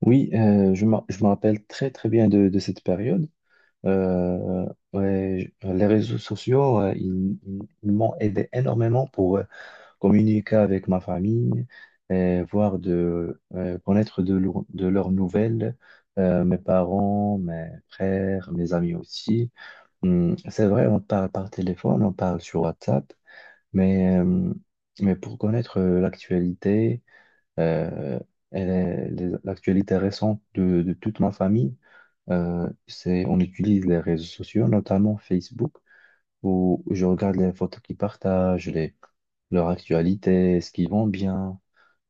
Oui, je me rappelle très très bien de cette période. Euh, les réseaux sociaux, ils m'ont aidé énormément pour communiquer avec ma famille, et voir de connaître de leurs nouvelles, mes parents, mes frères, mes amis aussi. C'est vrai, on parle par téléphone, on parle sur WhatsApp, mais, euh, mais pour connaître l'actualité. Euh, L'actualité récente de toute ma famille, c'est on utilise les réseaux sociaux, notamment Facebook, où je regarde les photos qu'ils partagent, leur actualité, ce qu'ils vont bien.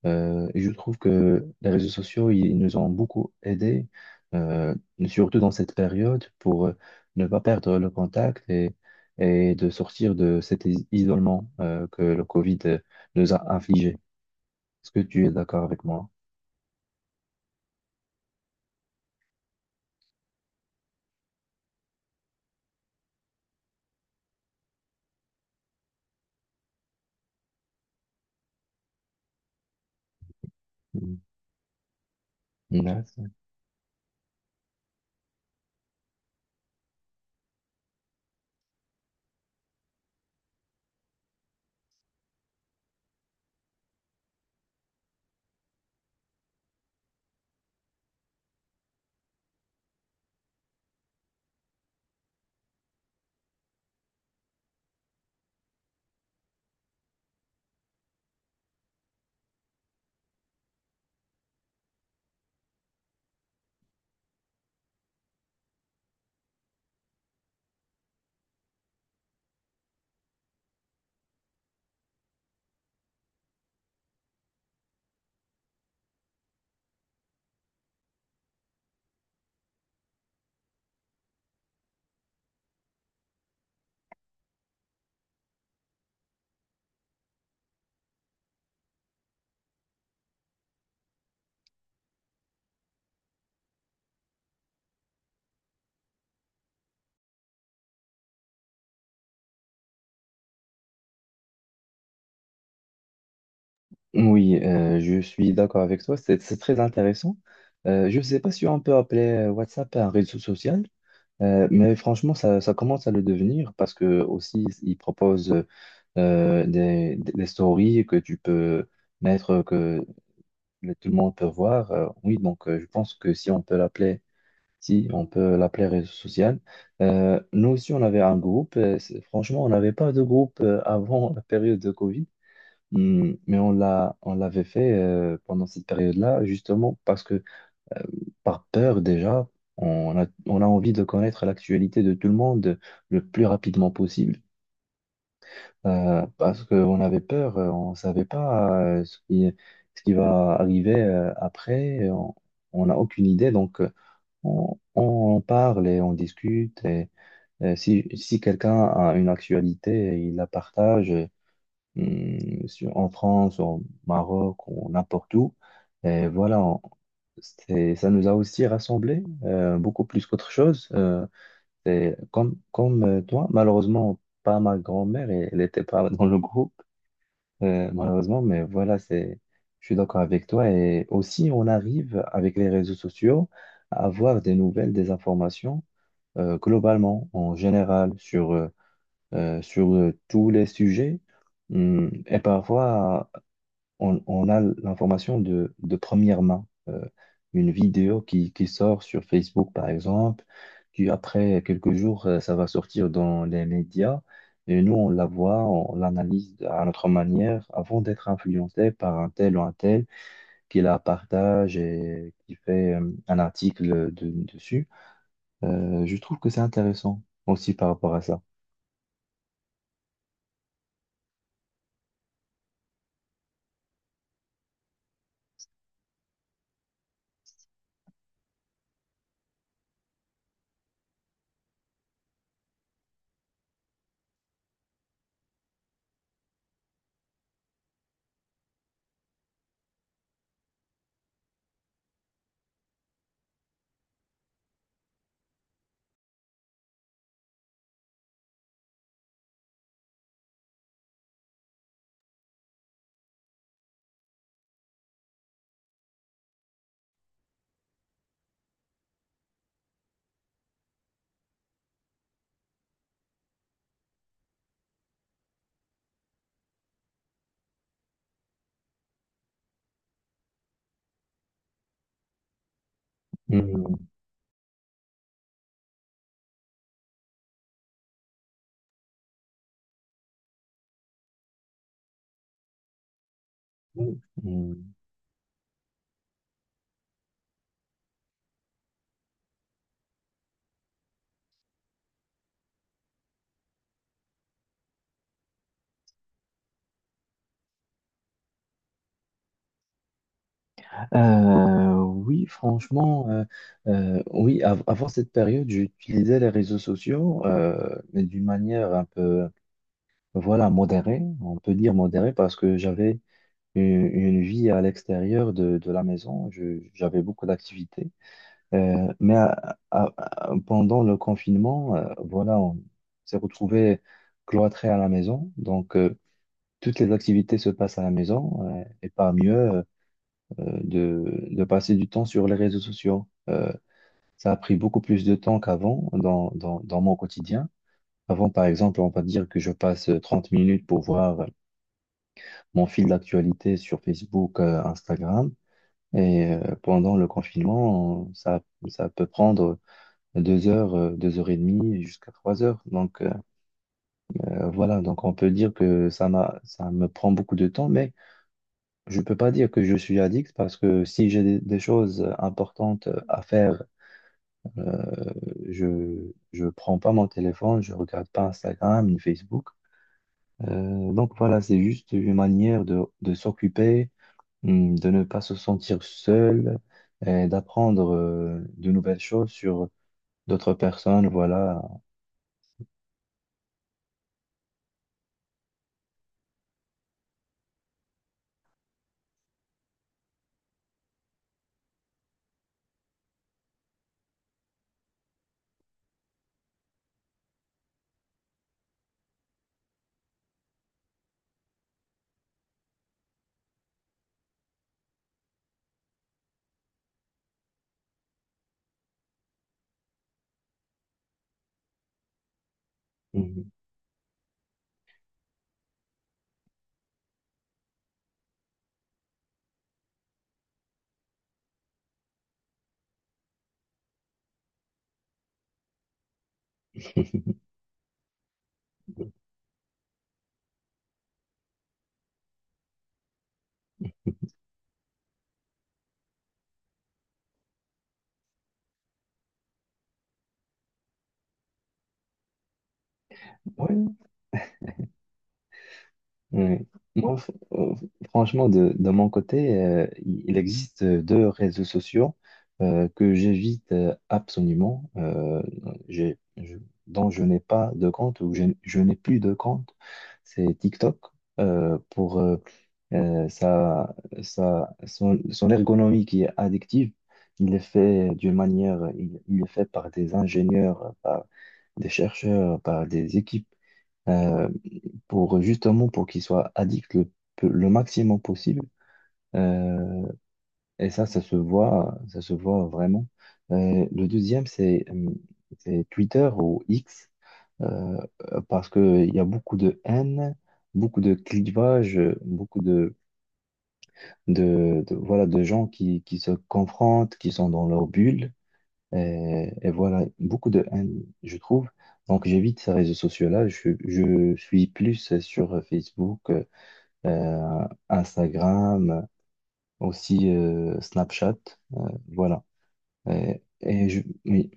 Et je trouve que les réseaux sociaux, ils nous ont beaucoup aidés, euh, surtout dans cette période, pour ne pas perdre le contact et de sortir de cet isolement que le Covid nous a infligé. Est-ce que tu es d'accord avec moi? D'accord. Oui, je suis d'accord avec toi, c'est très intéressant. Je ne sais pas si on peut appeler WhatsApp un réseau social, mais franchement, ça commence à le devenir parce que aussi, ils proposent des stories que tu peux mettre, que tout le monde peut voir. Oui, donc je pense que si on peut l'appeler, si on peut l'appeler réseau social. Nous aussi, on avait un groupe. Franchement, on n'avait pas de groupe avant la période de Covid. Mais on l'avait fait pendant cette période-là, justement parce que par peur déjà, on a envie de connaître l'actualité de tout le monde le plus rapidement possible, parce qu'on avait peur, on ne savait pas ce qui va arriver après, et on n'a aucune idée, donc on en parle et on discute, et si quelqu'un a une actualité, il la partage, en France, au Maroc, ou n'importe où. Et voilà, on- Ça nous a aussi rassemblés, beaucoup plus qu'autre chose. C'est comme toi, malheureusement, pas ma grand-mère, et elle n'était pas dans le groupe, malheureusement, mais je suis d'accord avec toi. Et aussi, on arrive avec les réseaux sociaux à avoir des nouvelles, des informations, globalement, en général, sur tous les sujets. Hum. Et parfois, on a l'information de première main. Une vidéo qui sort sur Facebook, par exemple, qui après quelques jours, ça va sortir dans les médias. Et nous, on la voit, on l'analyse à notre manière avant d'être influencé par un tel ou un tel qui la partage et qui fait un article dessus. Je trouve que c'est intéressant aussi par rapport à ça. Mm. Mm. Oui, Franchement, oui, avant cette période, j'utilisais les réseaux sociaux, mais d'une manière modérée, on peut dire modérée, parce que j'avais une vie à l'extérieur de la maison, j'avais beaucoup d'activités. Pendant le confinement, on s'est retrouvé cloîtré à la maison, donc toutes les activités se passent à la maison, et parmi eux, de passer du temps sur les réseaux sociaux. Ça a pris beaucoup plus de temps qu'avant dans mon quotidien. Avant, par exemple, on va dire que je passe 30 minutes pour voir mon fil d'actualité sur Facebook, Instagram. Pendant le confinement, ça peut prendre 2 heures, 2 heures et demie jusqu'à 3 heures. Donc voilà, donc on peut dire que ça me prend beaucoup de temps, mais je peux pas dire que je suis addict parce que si j'ai des choses importantes à faire euh, Je je prends pas mon téléphone, je regarde pas Instagram ni Facebook. Donc voilà, c'est juste une manière de s'occuper, de ne pas se sentir seul, et d'apprendre de nouvelles choses sur d'autres personnes. Voilà. Mhm. Ouais. Oui. Moi, f- euh, Franchement, de mon côté, il existe deux réseaux sociaux que j'évite absolument, j'ai- je- dont je n'ai pas de compte ou je n'ai plus de compte. C'est TikTok pour euh, sa, son ergonomie qui est addictive. Il est fait d'une manière, il est fait par des ingénieurs, par des chercheurs, par des équipes euh, pour justement pour qu'ils soient addicts le maximum possible. Euh, et ça, ça se voit vraiment. Le deuxième, c'est Twitter ou X, euh, parce que il y a beaucoup de haine, beaucoup de clivage, beaucoup de- voilà, de gens qui se confrontent, qui sont dans leur bulle. Et voilà, beaucoup de haine, je trouve. Donc j'évite ces réseaux sociaux-là. Je suis plus sur Facebook, Instagram, aussi Snapchat, euh, voilà. Et, et je, oui,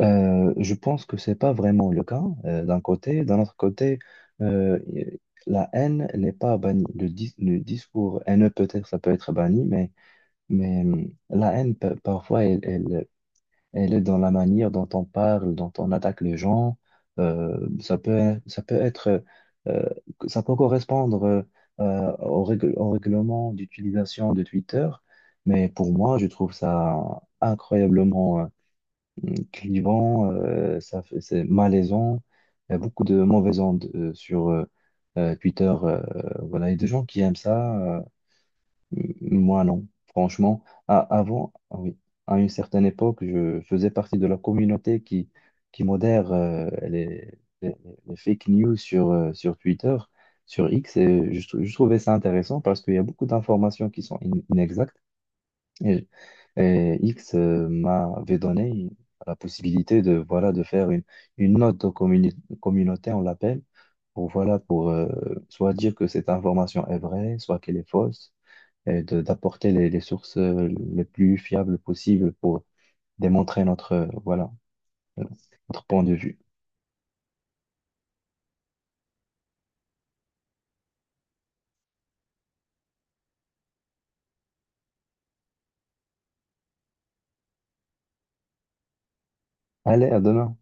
je pense que c'est pas vraiment le cas d'un côté. D'un autre côté, euh, la haine n'est pas bannie. Le discours haineux, peut-être, ça peut être banni, mais la haine, parfois, elle est dans la manière dont on parle, dont on attaque les gens. Ça peut être, euh, ça peut correspondre au règlement d'utilisation de Twitter, mais pour moi, je trouve ça incroyablement clivant, c'est malaisant. Il y a beaucoup de mauvaises ondes sur Twitter, voilà, et des gens qui aiment ça. Moi, non. Franchement, avant, ah oui, à une certaine époque, je faisais partie de la communauté qui modère les- les fake news sur Twitter, sur X, et je trouvais ça intéressant parce qu'il y a beaucoup d'informations qui sont inexactes. Et, et X m'avait donné la possibilité de faire une note aux communauté, on l'appelle, pour soit dire que cette information est vraie, soit qu'elle est fausse et d'apporter les sources les plus fiables possibles pour démontrer euh, notre point de vue. Allez, à demain.